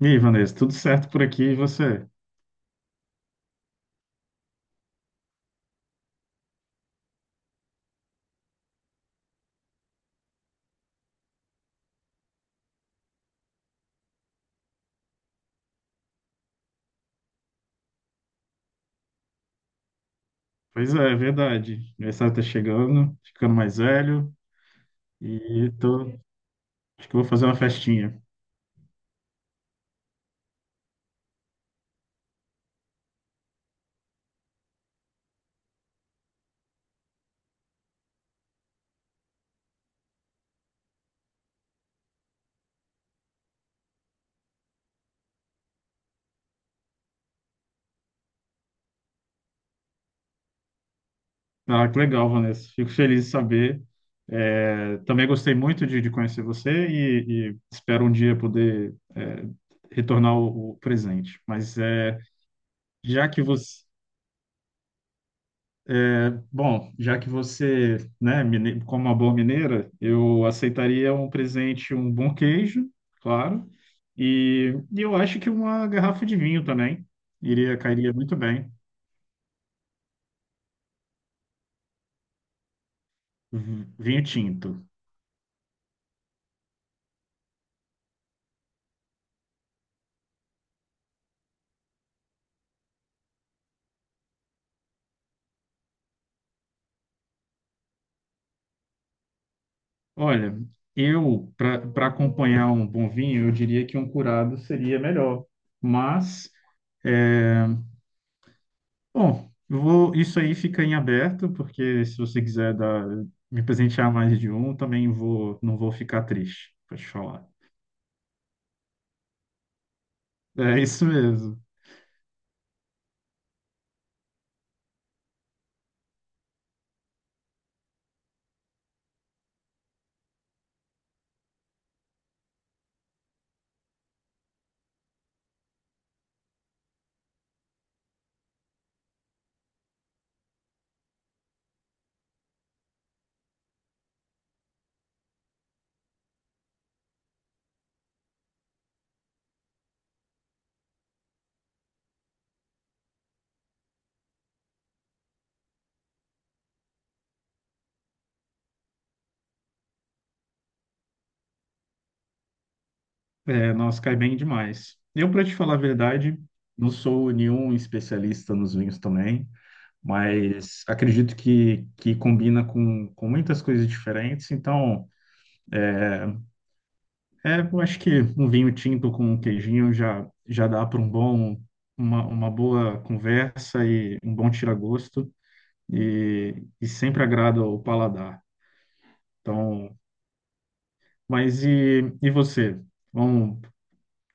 E aí, Vanessa, tudo certo por aqui e você? Pois é, é verdade. Aniversário tá chegando, ficando mais velho e tô, acho que vou fazer uma festinha. Ah, que legal, Vanessa. Fico feliz de saber. É, também gostei muito de conhecer você e espero um dia poder retornar o presente. Mas já que você, já que você, né, como uma boa mineira, eu aceitaria um presente, um bom queijo, claro, e eu acho que uma garrafa de vinho também iria cairia muito bem. Vinho tinto. Olha, eu para acompanhar um bom vinho, eu diria que um curado seria melhor, mas é, Bom, isso aí fica em aberto, porque se você quiser me presentear mais de um, também vou, não vou ficar triste, pode falar. É isso mesmo. É, nossa, cai bem demais. Eu, para te falar a verdade, não sou nenhum especialista nos vinhos também, mas acredito que combina com muitas coisas diferentes. Então, eu acho que um vinho tinto com um queijinho já dá para uma boa conversa e um bom tira-gosto e sempre agrada o paladar. Então, mas e você? Vamos,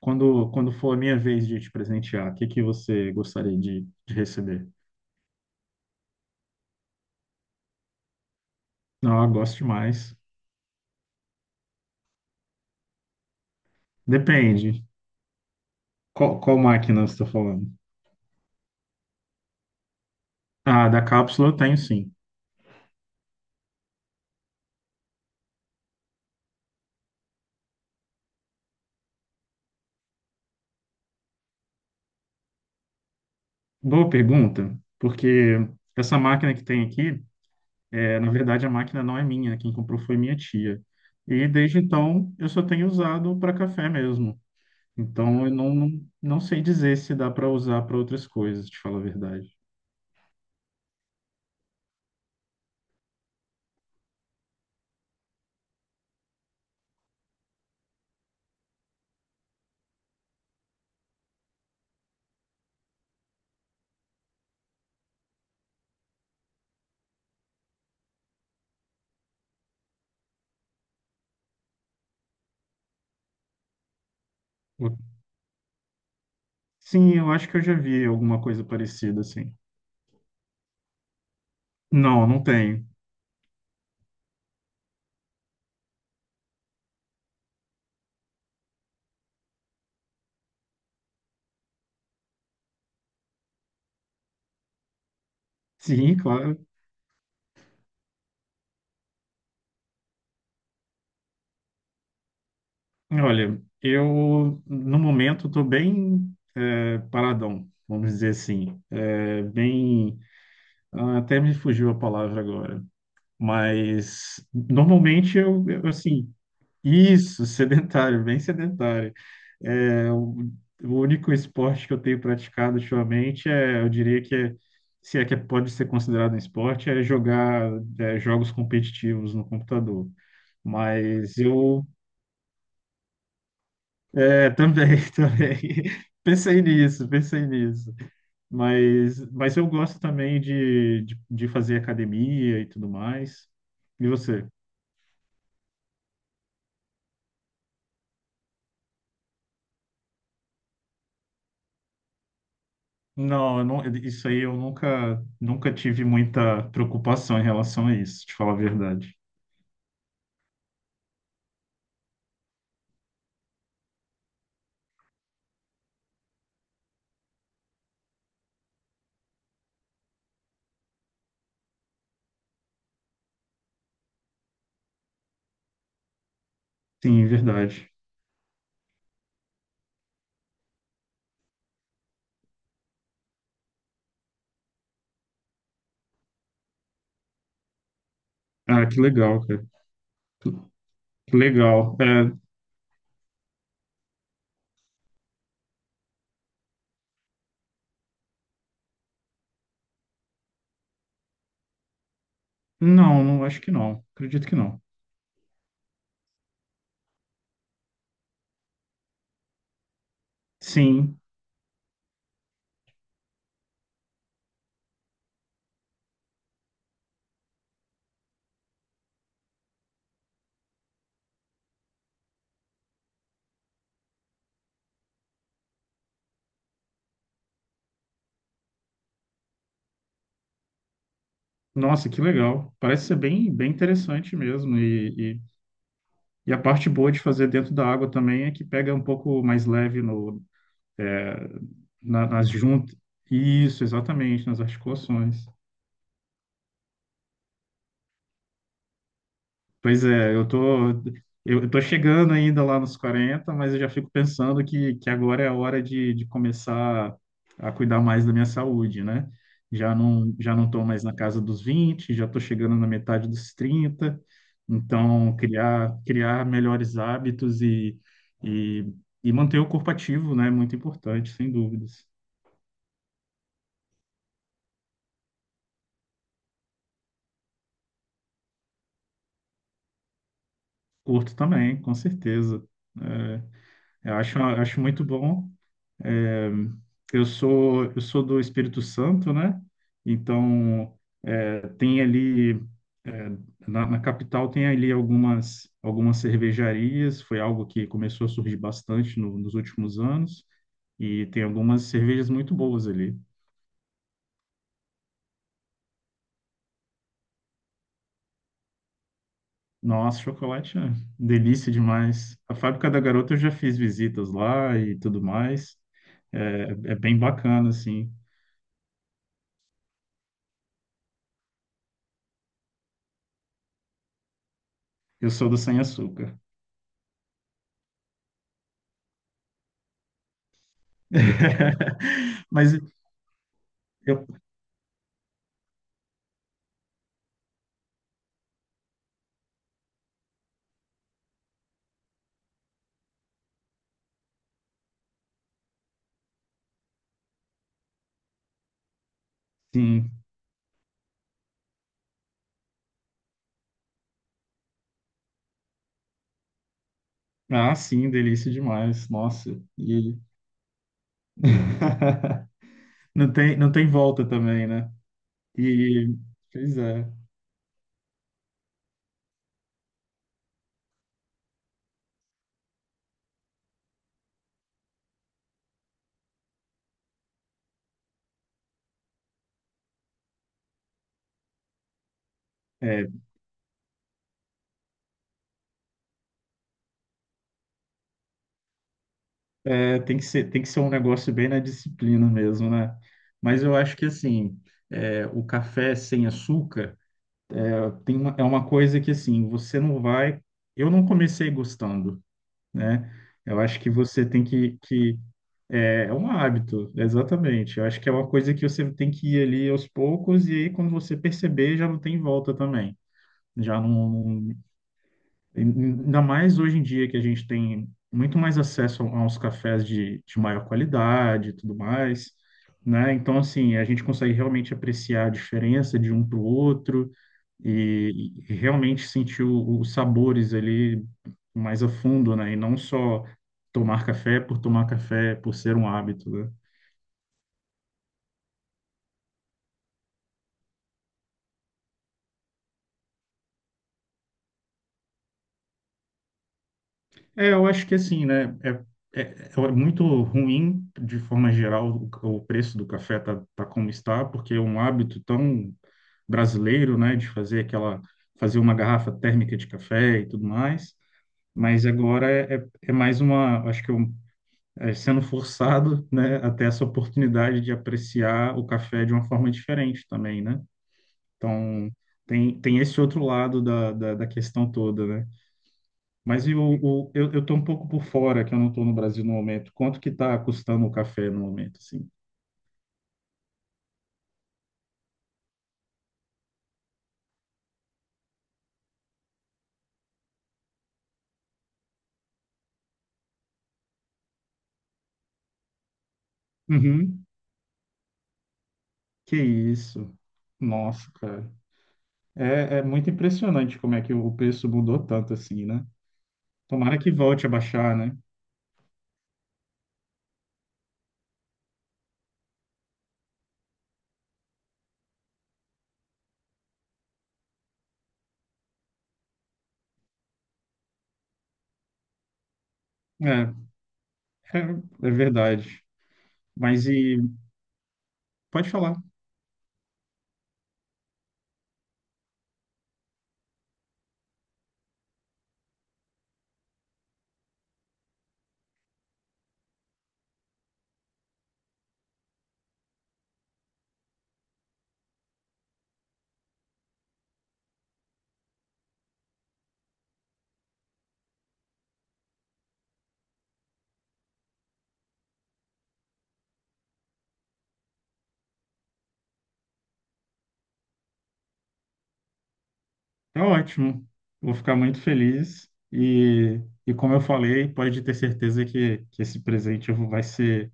quando for a minha vez de te presentear, o que que você gostaria de receber? Não, eu gosto demais. Depende. Qual máquina você está falando? Ah, da cápsula eu tenho sim. Boa pergunta, porque essa máquina que tem aqui, na verdade a máquina não é minha, quem comprou foi minha tia. E desde então eu só tenho usado para café mesmo. Então eu não sei dizer se dá para usar para outras coisas, te falar a verdade. Sim, eu acho que eu já vi alguma coisa parecida assim. Não, não tenho. Sim, claro. Olha, eu no momento estou bem paradão, vamos dizer assim. É, bem, ah, até me fugiu a palavra agora. Mas normalmente eu, assim, isso, sedentário, bem sedentário. É, o único esporte que eu tenho praticado ultimamente é, eu diria que é, se é que pode ser considerado um esporte, é jogar jogos competitivos no computador. Mas eu É, também, também. Pensei nisso, pensei nisso. Mas eu gosto também de fazer academia e tudo mais. E você? Não, eu não, isso aí eu nunca tive muita preocupação em relação a isso, te falar a verdade. Sim, verdade. Ah, que legal, cara. Que legal. Não, não, acho que não. Acredito que não. Sim. Nossa, que legal. Parece ser bem, bem interessante mesmo. E a parte boa de fazer dentro da água também é que pega um pouco mais leve no, é, na- nas juntas. Isso, exatamente, nas articulações. Pois é, eu tô chegando ainda lá nos 40, mas eu já fico pensando que agora é a hora de começar a cuidar mais da minha saúde, né? Já não tô mais na casa dos 20, já tô chegando na metade dos 30, então criar melhores hábitos e, e, e, manter o corpo ativo, né? É muito importante, sem dúvidas. Curto também, com certeza. É, eu acho muito bom. Eu sou do Espírito Santo, né? Então, tem ali, eh, na capital, tem ali algumas cervejarias. Foi algo que começou a surgir bastante nos últimos anos. E tem algumas cervejas muito boas ali. Nossa, chocolate é delícia demais. A Fábrica da Garota eu já fiz visitas lá e tudo mais. É, é bem bacana, assim. Eu sou do sem açúcar. Mas eu, sim, Ah, sim, delícia demais. Nossa, e não tem volta também, né? E pois é, tem que ser um negócio bem na disciplina mesmo, né? Mas eu acho que assim, o café sem açúcar é uma coisa que assim, você não vai. Eu não comecei gostando, né? Eu acho que você tem que é um hábito, exatamente. Eu acho que é uma coisa que você tem que ir ali aos poucos e aí quando você perceber já não tem volta também. Já não, Ainda mais hoje em dia que a gente tem muito mais acesso a uns cafés de maior qualidade e tudo mais, né? Então, assim, a gente consegue realmente apreciar a diferença de um para o outro e realmente sentir os sabores ali mais a fundo, né? E não só tomar café, por ser um hábito, né? É, eu acho que assim, né? É, é, É muito ruim, de forma geral, o preço do café tá como está, porque é um hábito tão brasileiro, né? De fazer fazer uma garrafa térmica de café e tudo mais. Mas agora é, é, é mais uma, acho que é um, é sendo forçado, né? A ter essa oportunidade de apreciar o café de uma forma diferente também, né? Então, tem esse outro lado da questão toda, né? Mas eu tô um pouco por fora, que eu não estou no Brasil no momento. Quanto que está custando o café no momento, assim? Uhum. Que isso? Nossa, cara. É muito impressionante como é que o preço mudou tanto assim, né? Tomara que volte a baixar, né? É, é, é verdade. Mas e Pode falar. Tá ótimo. Vou ficar muito feliz. E como eu falei, pode ter certeza que esse presente vai ser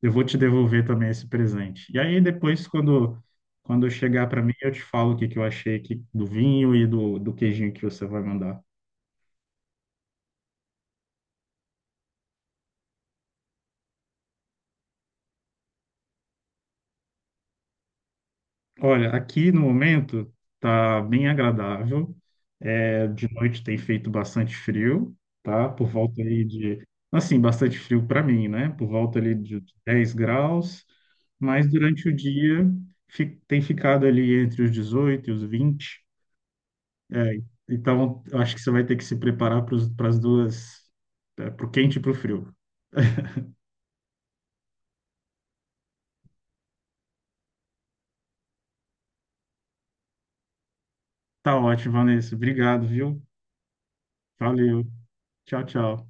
eu vou te devolver também esse presente. E aí depois, quando, chegar para mim, eu te falo o que eu achei aqui do vinho e do queijinho que você vai mandar. Olha, aqui no momento tá bem agradável. É, de noite tem feito bastante frio, tá? Por volta aí de, assim, bastante frio para mim, né? Por volta ali de 10 graus, mas durante o dia tem ficado ali entre os 18 e os 20. É, então, eu acho que você vai ter que se preparar para as duas, para o quente e para o frio. Tá ótimo, Vanessa. Obrigado, viu? Valeu. Tchau, tchau.